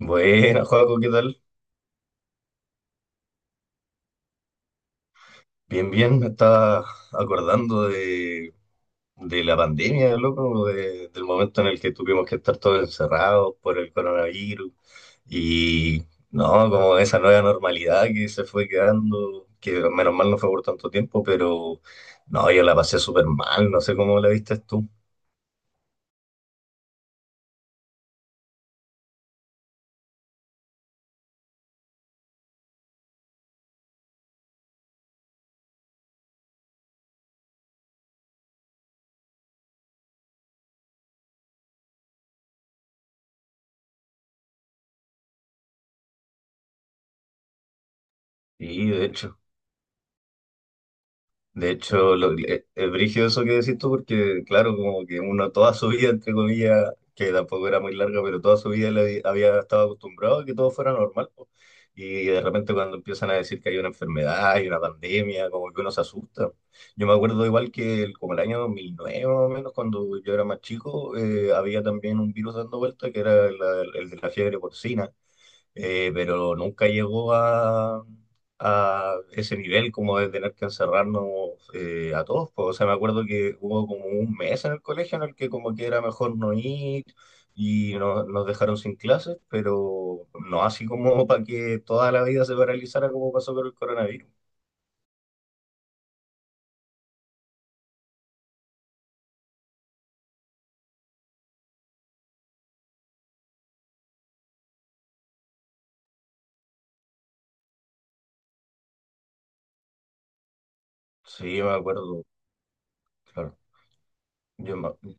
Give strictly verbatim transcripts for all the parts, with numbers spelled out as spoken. Buena, Joaco, ¿qué tal? Bien, bien, me estaba acordando de, de la pandemia, loco, de- del momento en el que tuvimos que estar todos encerrados por el coronavirus y, no, como esa nueva normalidad que se fue quedando, que menos mal no fue por tanto tiempo, pero, no, yo la pasé súper mal, no sé cómo la viste tú. Sí, de hecho. De hecho, lo, eh, es brígido eso que decís tú, porque claro, como que uno toda su vida, entre comillas, que tampoco era muy larga, pero toda su vida le había estado acostumbrado a que todo fuera normal, po. Y de repente cuando empiezan a decir que hay una enfermedad, hay una pandemia, como que uno se asusta. Yo me acuerdo igual que el- como el año dos mil nueve más o menos, cuando yo era más chico. Eh, había también un virus dando vuelta que era la- el de la fiebre porcina, eh, pero nunca llegó a, a ese nivel como de tener que encerrarnos eh, a todos, pues. O sea, me acuerdo que hubo como un mes en el colegio en el que como que era mejor no ir y no- nos dejaron sin clases, pero no así como para que toda la vida se paralizara como pasó con el coronavirus. Sí, me acuerdo, claro. Yo me-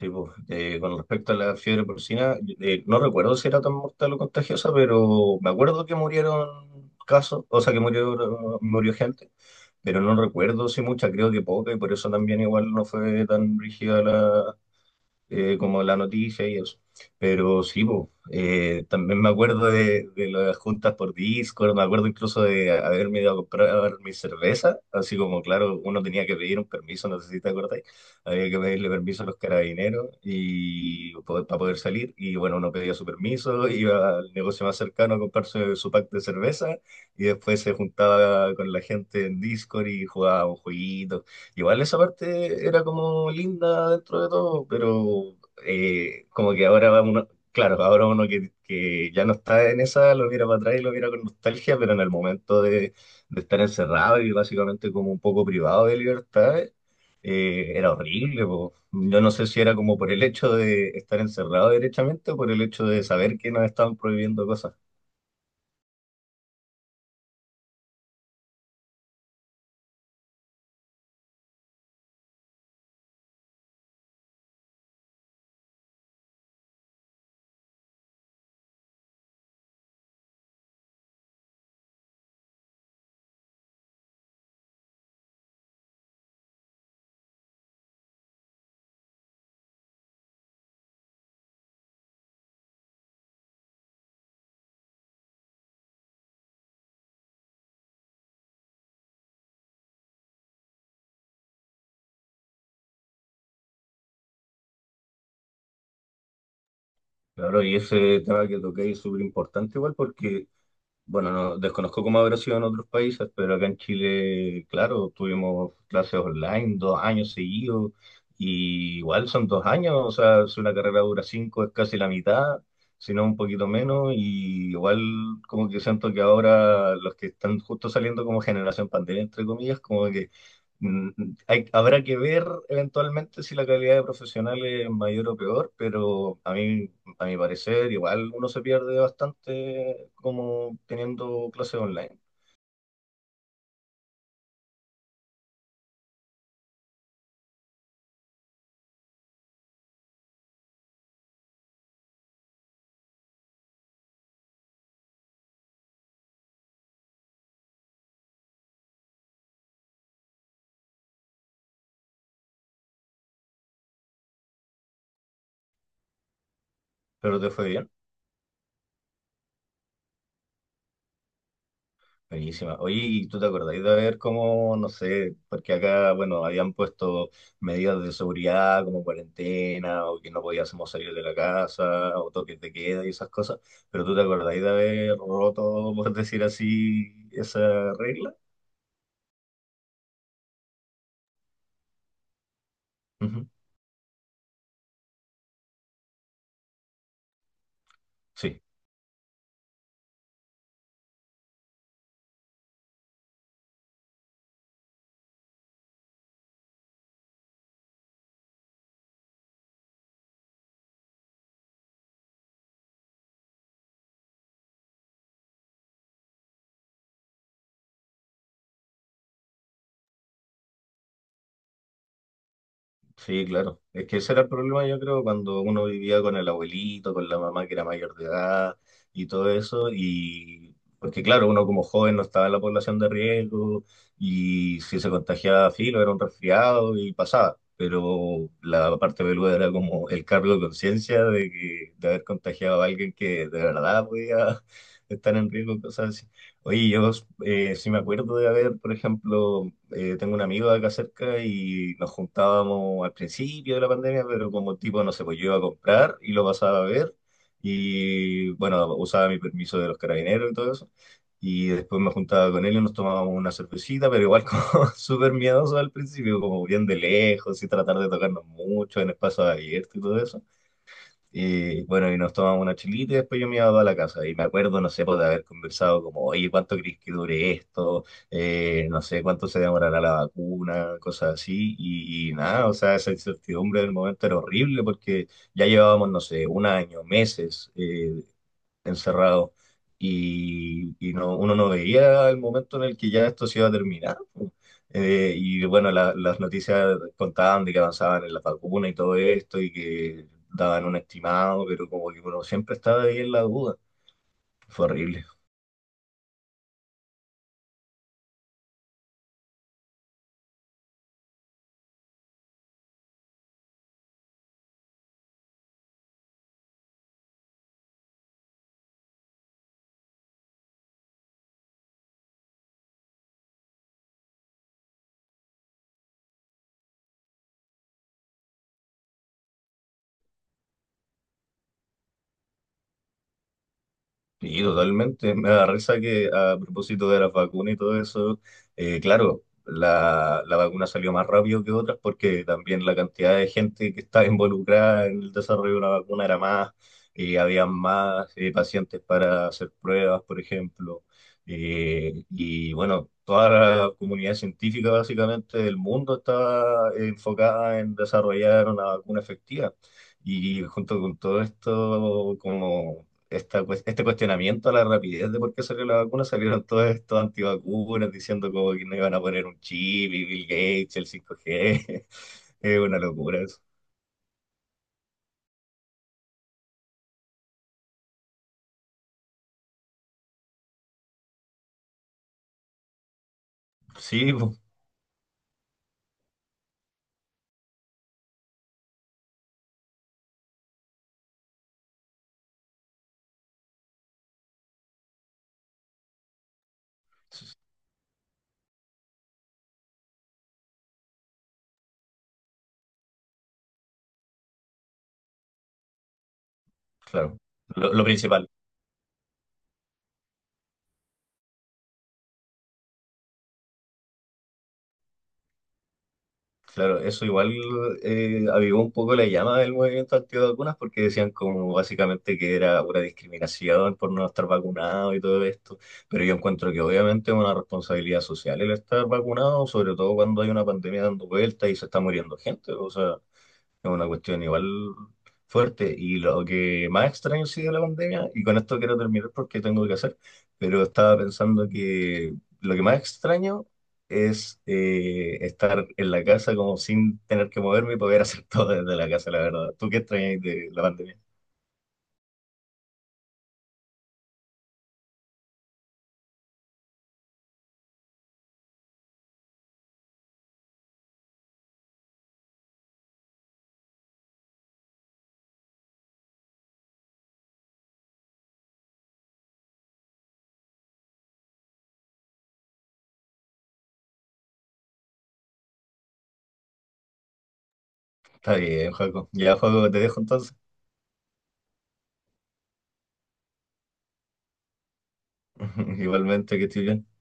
Sí, pues, eh, con respecto a la fiebre porcina, eh, no recuerdo si era tan mortal o contagiosa, pero me acuerdo que murieron casos, o sea, que murió, murió gente, pero no recuerdo si mucha, creo que poca, y por eso también igual no fue tan rígida, eh, como la noticia y eso. Pero sí, po, eh, también me acuerdo de, de las juntas por Discord, me acuerdo incluso de haberme ido a comprar mi cerveza, así como, claro, uno tenía que pedir un permiso, no sé si te acordáis, había que pedirle permiso a los carabineros y poder- para poder salir, y bueno, uno pedía su permiso, iba al negocio más cercano a comprarse su pack de cerveza, y después se juntaba con la gente en Discord y jugaba un jueguito. Igual esa parte era como linda dentro de todo, pero eh, como que ahora va uno, claro, ahora uno que, que ya no está en esa, lo mira para atrás y lo mira con nostalgia, pero en el momento de, de estar encerrado y básicamente como un poco privado de libertad, eh, era horrible, po. Yo no sé si era como por el hecho de estar encerrado derechamente o por el hecho de saber que nos estaban prohibiendo cosas. Claro, y ese tema que toqué es súper importante igual porque bueno, no, desconozco cómo habrá sido en otros países, pero acá en Chile, claro, tuvimos clases online dos años seguidos, y igual son dos años, o sea, si una carrera dura cinco es casi la mitad, si no un poquito menos, y igual como que siento que ahora los que están justo saliendo como generación pandemia, entre comillas, como que mm, hay- habrá que ver eventualmente si la calidad de profesional es mayor o peor, pero a mí a mi parecer, igual uno se pierde bastante como teniendo clases online. Pero te fue bien. Buenísima. Oye, ¿y tú te acordáis de ver cómo, no sé, porque acá, bueno, habían puesto medidas de seguridad como cuarentena o que no podíamos salir de la casa o toques de queda y esas cosas, pero tú te acordáis de haber roto, por decir así, esa regla? Ujú. Sí. Sí, claro. Es que ese era el problema, yo creo, cuando uno vivía con el abuelito, con la mamá que era mayor de edad y todo eso. Y porque, claro, uno como joven no estaba en la población de riesgo y si se contagiaba filo era un resfriado y pasaba. Pero la parte peluda era como el cargo de conciencia de que, de haber contagiado a alguien que de verdad podía estar en riesgo, cosas así. Oye, yo eh, sí me acuerdo de haber, por ejemplo, eh, tengo un amigo de acá cerca y nos juntábamos al principio de la pandemia, pero como tipo, no sé, pues yo iba a comprar y lo pasaba a ver y bueno, usaba mi permiso de los carabineros y todo eso. Y después me juntaba con él y nos tomábamos una cervecita, pero igual como súper miedoso al principio, como bien de lejos y tratar de tocarnos mucho en espacios abiertos y todo eso. Y bueno, y nos tomamos una chelita y después yo me iba a la casa. Y me acuerdo, no sé, pues, de haber conversado como, oye, ¿cuánto crees que dure esto? Eh, no sé, ¿cuánto se demorará la vacuna? Cosas así. Y, y nada, o sea, esa incertidumbre del momento era horrible porque ya llevábamos, no sé, un año, meses, eh, encerrado, y, y no, uno no veía el momento en el que ya esto se iba a terminar, po. Eh, y bueno, la- las noticias contaban de que avanzaban en la vacuna y todo esto y que daban un estimado, pero como que uno siempre estaba ahí en la duda. Fue horrible. Sí, totalmente. Me da risa que a propósito de las vacunas y todo eso, eh, claro, la, la vacuna salió más rápido que otras porque también la cantidad de gente que estaba involucrada en el desarrollo de una vacuna era más, eh, había más eh, pacientes para hacer pruebas, por ejemplo. Eh, y bueno, toda la comunidad científica básicamente del mundo estaba enfocada en desarrollar una vacuna efectiva. Y junto con todo esto, como esta cues- este cuestionamiento a la rapidez de por qué salió la vacuna, salieron todos estos antivacunas diciendo como que no iban a poner un chip y Bill Gates, el cinco G. Es una locura eso. Sí, pues, claro. Lo, lo principal. Claro, eso igual eh, avivó un poco la llama del movimiento antivacunas porque decían como básicamente que era una discriminación por no estar vacunado y todo esto, pero yo encuentro que obviamente es una responsabilidad social el estar vacunado, sobre todo cuando hay una pandemia dando vuelta y se está muriendo gente, o sea, es una cuestión igual fuerte. Y lo que más extraño ha sido la pandemia, y con esto quiero terminar porque tengo que hacer, pero estaba pensando que lo que más extraño es eh, estar en la casa como sin tener que moverme y poder hacer todo desde la casa, la verdad. ¿Tú qué extrañas de la pandemia? Está bien, Joaco. Ya, Joaco, te dejo entonces. Igualmente, que estoy bien.